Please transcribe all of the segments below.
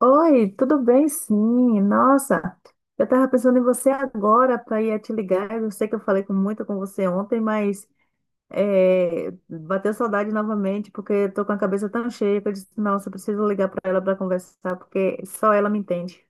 Oi, tudo bem? Sim, nossa, eu estava pensando em você agora para ir te ligar. Eu sei que eu falei muito com você ontem, mas bateu saudade novamente porque eu tô com a cabeça tão cheia que eu disse, nossa, eu preciso ligar para ela para conversar porque só ela me entende.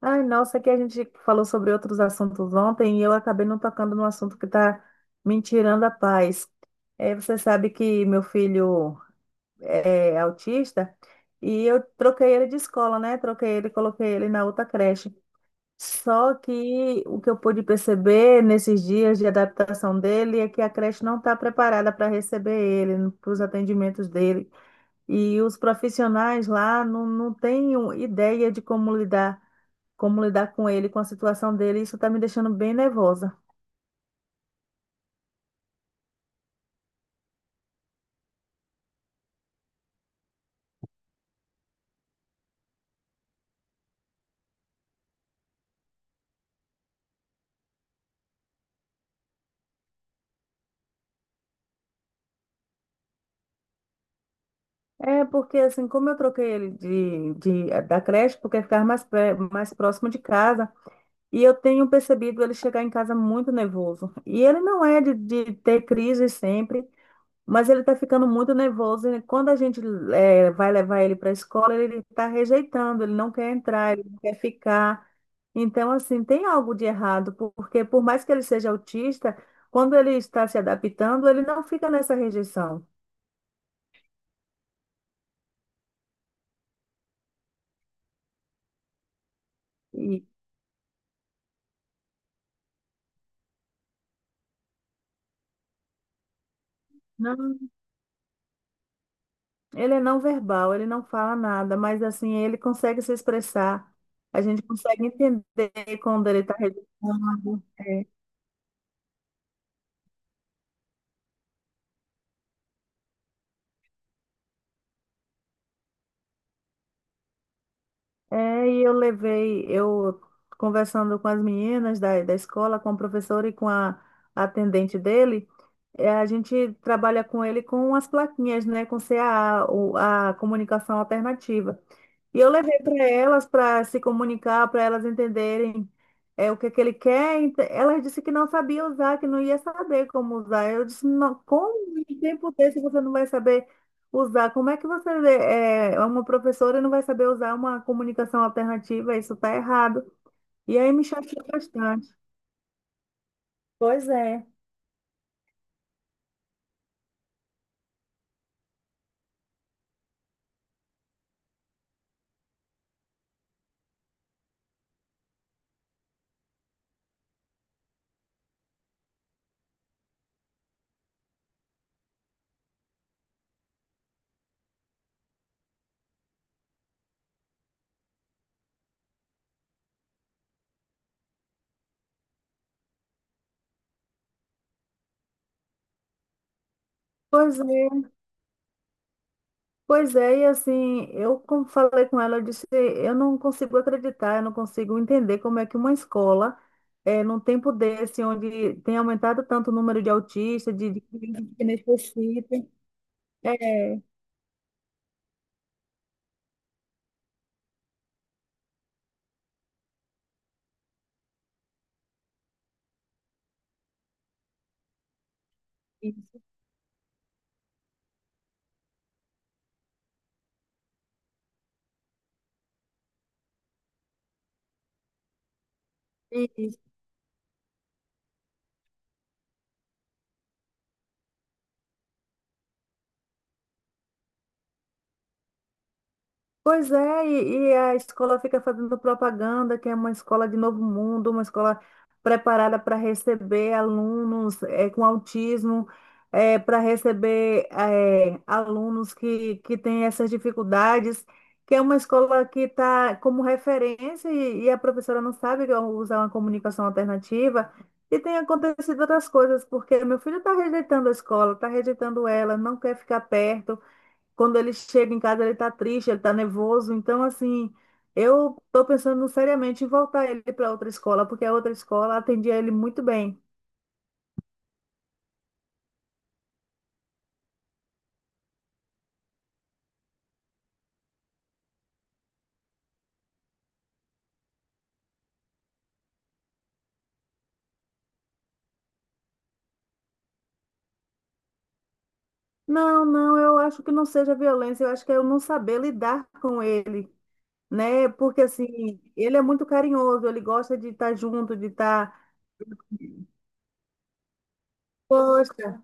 Ai, nossa, que a gente falou sobre outros assuntos ontem e eu acabei não tocando no assunto que está me tirando a paz. É, você sabe que meu filho autista, e eu troquei ele de escola, né? Troquei ele, coloquei ele na outra creche. Só que o que eu pude perceber nesses dias de adaptação dele é que a creche não está preparada para receber ele, para os atendimentos dele. E os profissionais lá não têm ideia de como lidar com ele, com a situação dele. Isso está me deixando bem nervosa. É porque assim, como eu troquei ele da creche, porque ficava mais, mais próximo de casa. E eu tenho percebido ele chegar em casa muito nervoso. E ele não é de ter crise sempre, mas ele está ficando muito nervoso. E quando a gente vai levar ele para a escola, ele está rejeitando, ele não quer entrar, ele não quer ficar. Então, assim, tem algo de errado, porque por mais que ele seja autista, quando ele está se adaptando, ele não fica nessa rejeição. E não. Ele é não verbal, ele não fala nada, mas assim, ele consegue se expressar. A gente consegue entender quando ele está reclamando. É. É, e eu levei, eu conversando com as meninas da escola, com a professora e com a atendente dele, a gente trabalha com ele com as plaquinhas, né, com CAA, a comunicação alternativa. E eu levei para elas para se comunicar, para elas entenderem o que é que ele quer. Ela disse que não sabia usar, que não ia saber como usar. Eu disse, não, como em tempo desse você não vai saber usar? Como é que você é uma professora e não vai saber usar uma comunicação alternativa? Isso está errado. E aí me chateou bastante. Pois é. Pois é. Pois é, e assim, eu como falei com ela, eu disse, eu não consigo acreditar, eu não consigo entender como é que uma escola, num tempo desse, onde tem aumentado tanto o número de autistas, de crianças que necessitam, é, isso. Pois é, e a escola fica fazendo propaganda, que é uma escola de novo mundo, uma escola preparada para receber alunos com autismo, para receber alunos que têm essas dificuldades, que é uma escola que está como referência e a professora não sabe usar uma comunicação alternativa. E tem acontecido outras coisas, porque meu filho está rejeitando a escola, está rejeitando ela, não quer ficar perto quando ele chega em casa, ele tá triste, ele tá nervoso. Então, assim, eu tô pensando seriamente em voltar ele para outra escola, porque a outra escola atendia ele muito bem. Não, não, eu acho que não seja violência, eu acho que é eu não saber lidar com ele, né? Porque, assim, ele é muito carinhoso, ele gosta de estar junto, de estar. Gosta,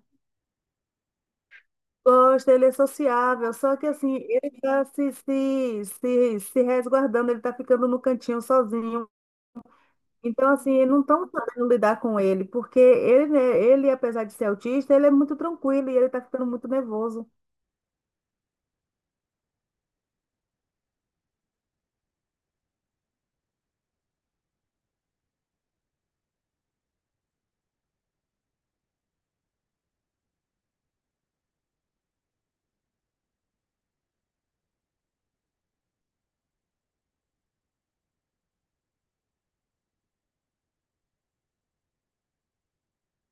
gosta, ele é sociável, só que assim, ele está se resguardando, ele está ficando no cantinho sozinho. Então, assim, não estão sabendo lidar com ele, porque ele, né, ele, apesar de ser autista, ele é muito tranquilo e ele está ficando muito nervoso.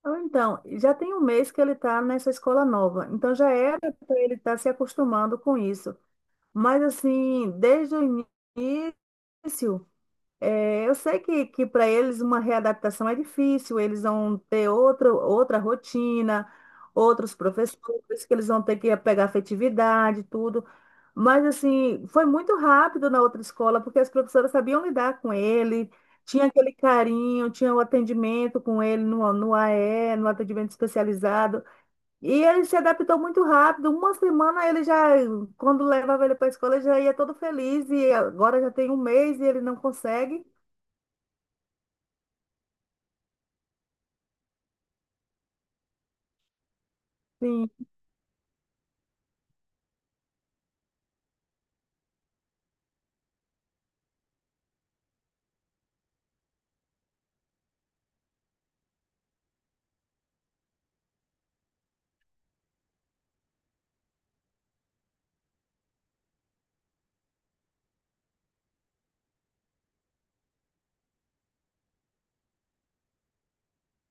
Ou então, já tem um mês que ele está nessa escola nova, então já era para ele estar se acostumando com isso. Mas, assim, desde o início, é, eu sei que para eles uma readaptação é difícil, eles vão ter outra rotina, outros professores, que eles vão ter que pegar afetividade, tudo. Mas, assim, foi muito rápido na outra escola, porque as professoras sabiam lidar com ele, tinha aquele carinho, tinha o atendimento com ele no AE, no atendimento especializado. E ele se adaptou muito rápido. Uma semana ele já, quando levava ele para a escola, ele já ia todo feliz, e agora já tem um mês e ele não consegue. Sim,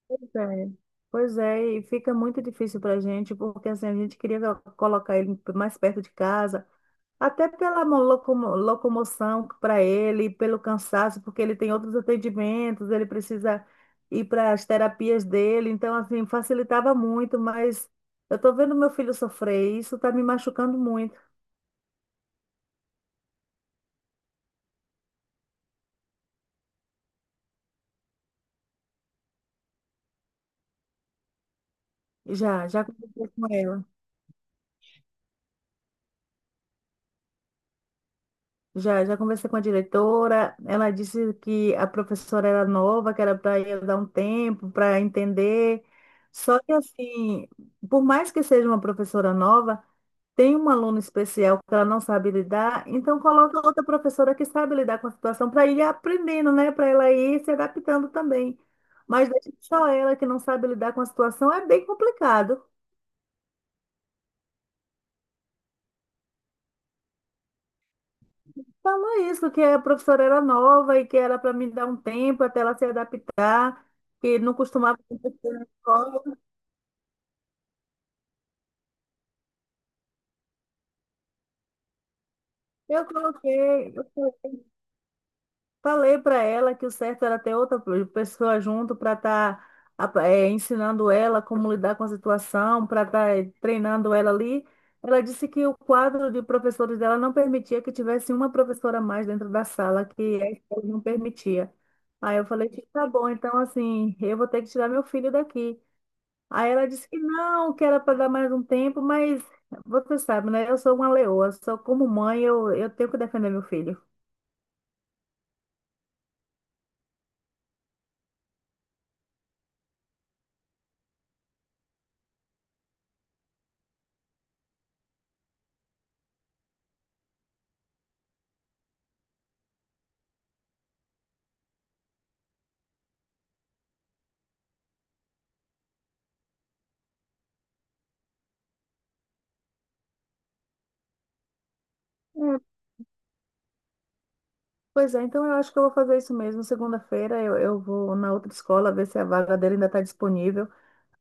pois é. Pois é, e fica muito difícil para a gente, porque assim, a gente queria colocar ele mais perto de casa, até pela locomoção para ele, pelo cansaço, porque ele tem outros atendimentos, ele precisa ir para as terapias dele, então assim, facilitava muito, mas eu tô vendo meu filho sofrer, e isso está me machucando muito. Já, já conversei com ela. Já, já conversei com a diretora. Ela disse que a professora era nova, que era para ir dar um tempo para entender. Só que, assim, por mais que seja uma professora nova, tem um aluno especial que ela não sabe lidar, então coloca outra professora que sabe lidar com a situação para ir aprendendo, né? Para ela ir se adaptando também. Mas deixa só ela que não sabe lidar com a situação, é bem complicado. Falou isso, que a professora era nova e que era para me dar um tempo até ela se adaptar, que não costumava acontecer na escola. Eu coloquei, eu falei para ela que o certo era ter outra pessoa junto para estar ensinando ela como lidar com a situação, para estar treinando ela ali. Ela disse que o quadro de professores dela não permitia que tivesse uma professora a mais dentro da sala, que a escola não permitia. Aí eu falei, tá bom, então assim, eu vou ter que tirar meu filho daqui. Aí ela disse que não, que era para dar mais um tempo, mas você sabe, né? Eu sou uma leoa, só como mãe eu tenho que defender meu filho. É, pois é, então eu acho que eu vou fazer isso mesmo. Segunda-feira eu vou na outra escola ver se a vaga dele ainda está disponível.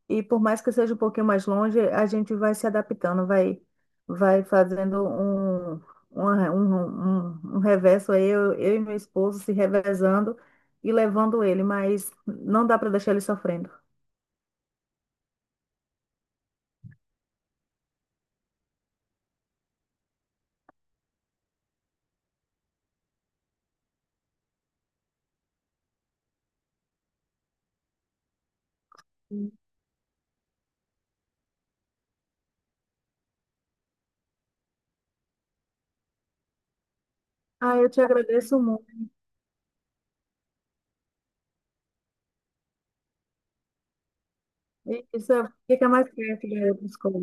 E por mais que seja um pouquinho mais longe, a gente vai se adaptando, vai, vai fazendo uma- um, um reverso aí, eu e meu esposo se revezando e levando ele, mas não dá para deixar ele sofrendo. Ah, eu te agradeço. Isso, fica mais perto da outra escola.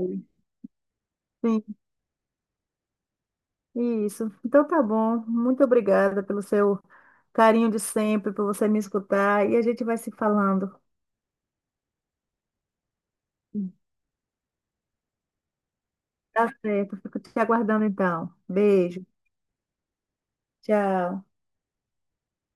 Sim, isso. Então tá bom. Muito obrigada pelo seu carinho de sempre, por você me escutar. E a gente vai se falando. Tá certo. Fico te aguardando então. Beijo. Tchau.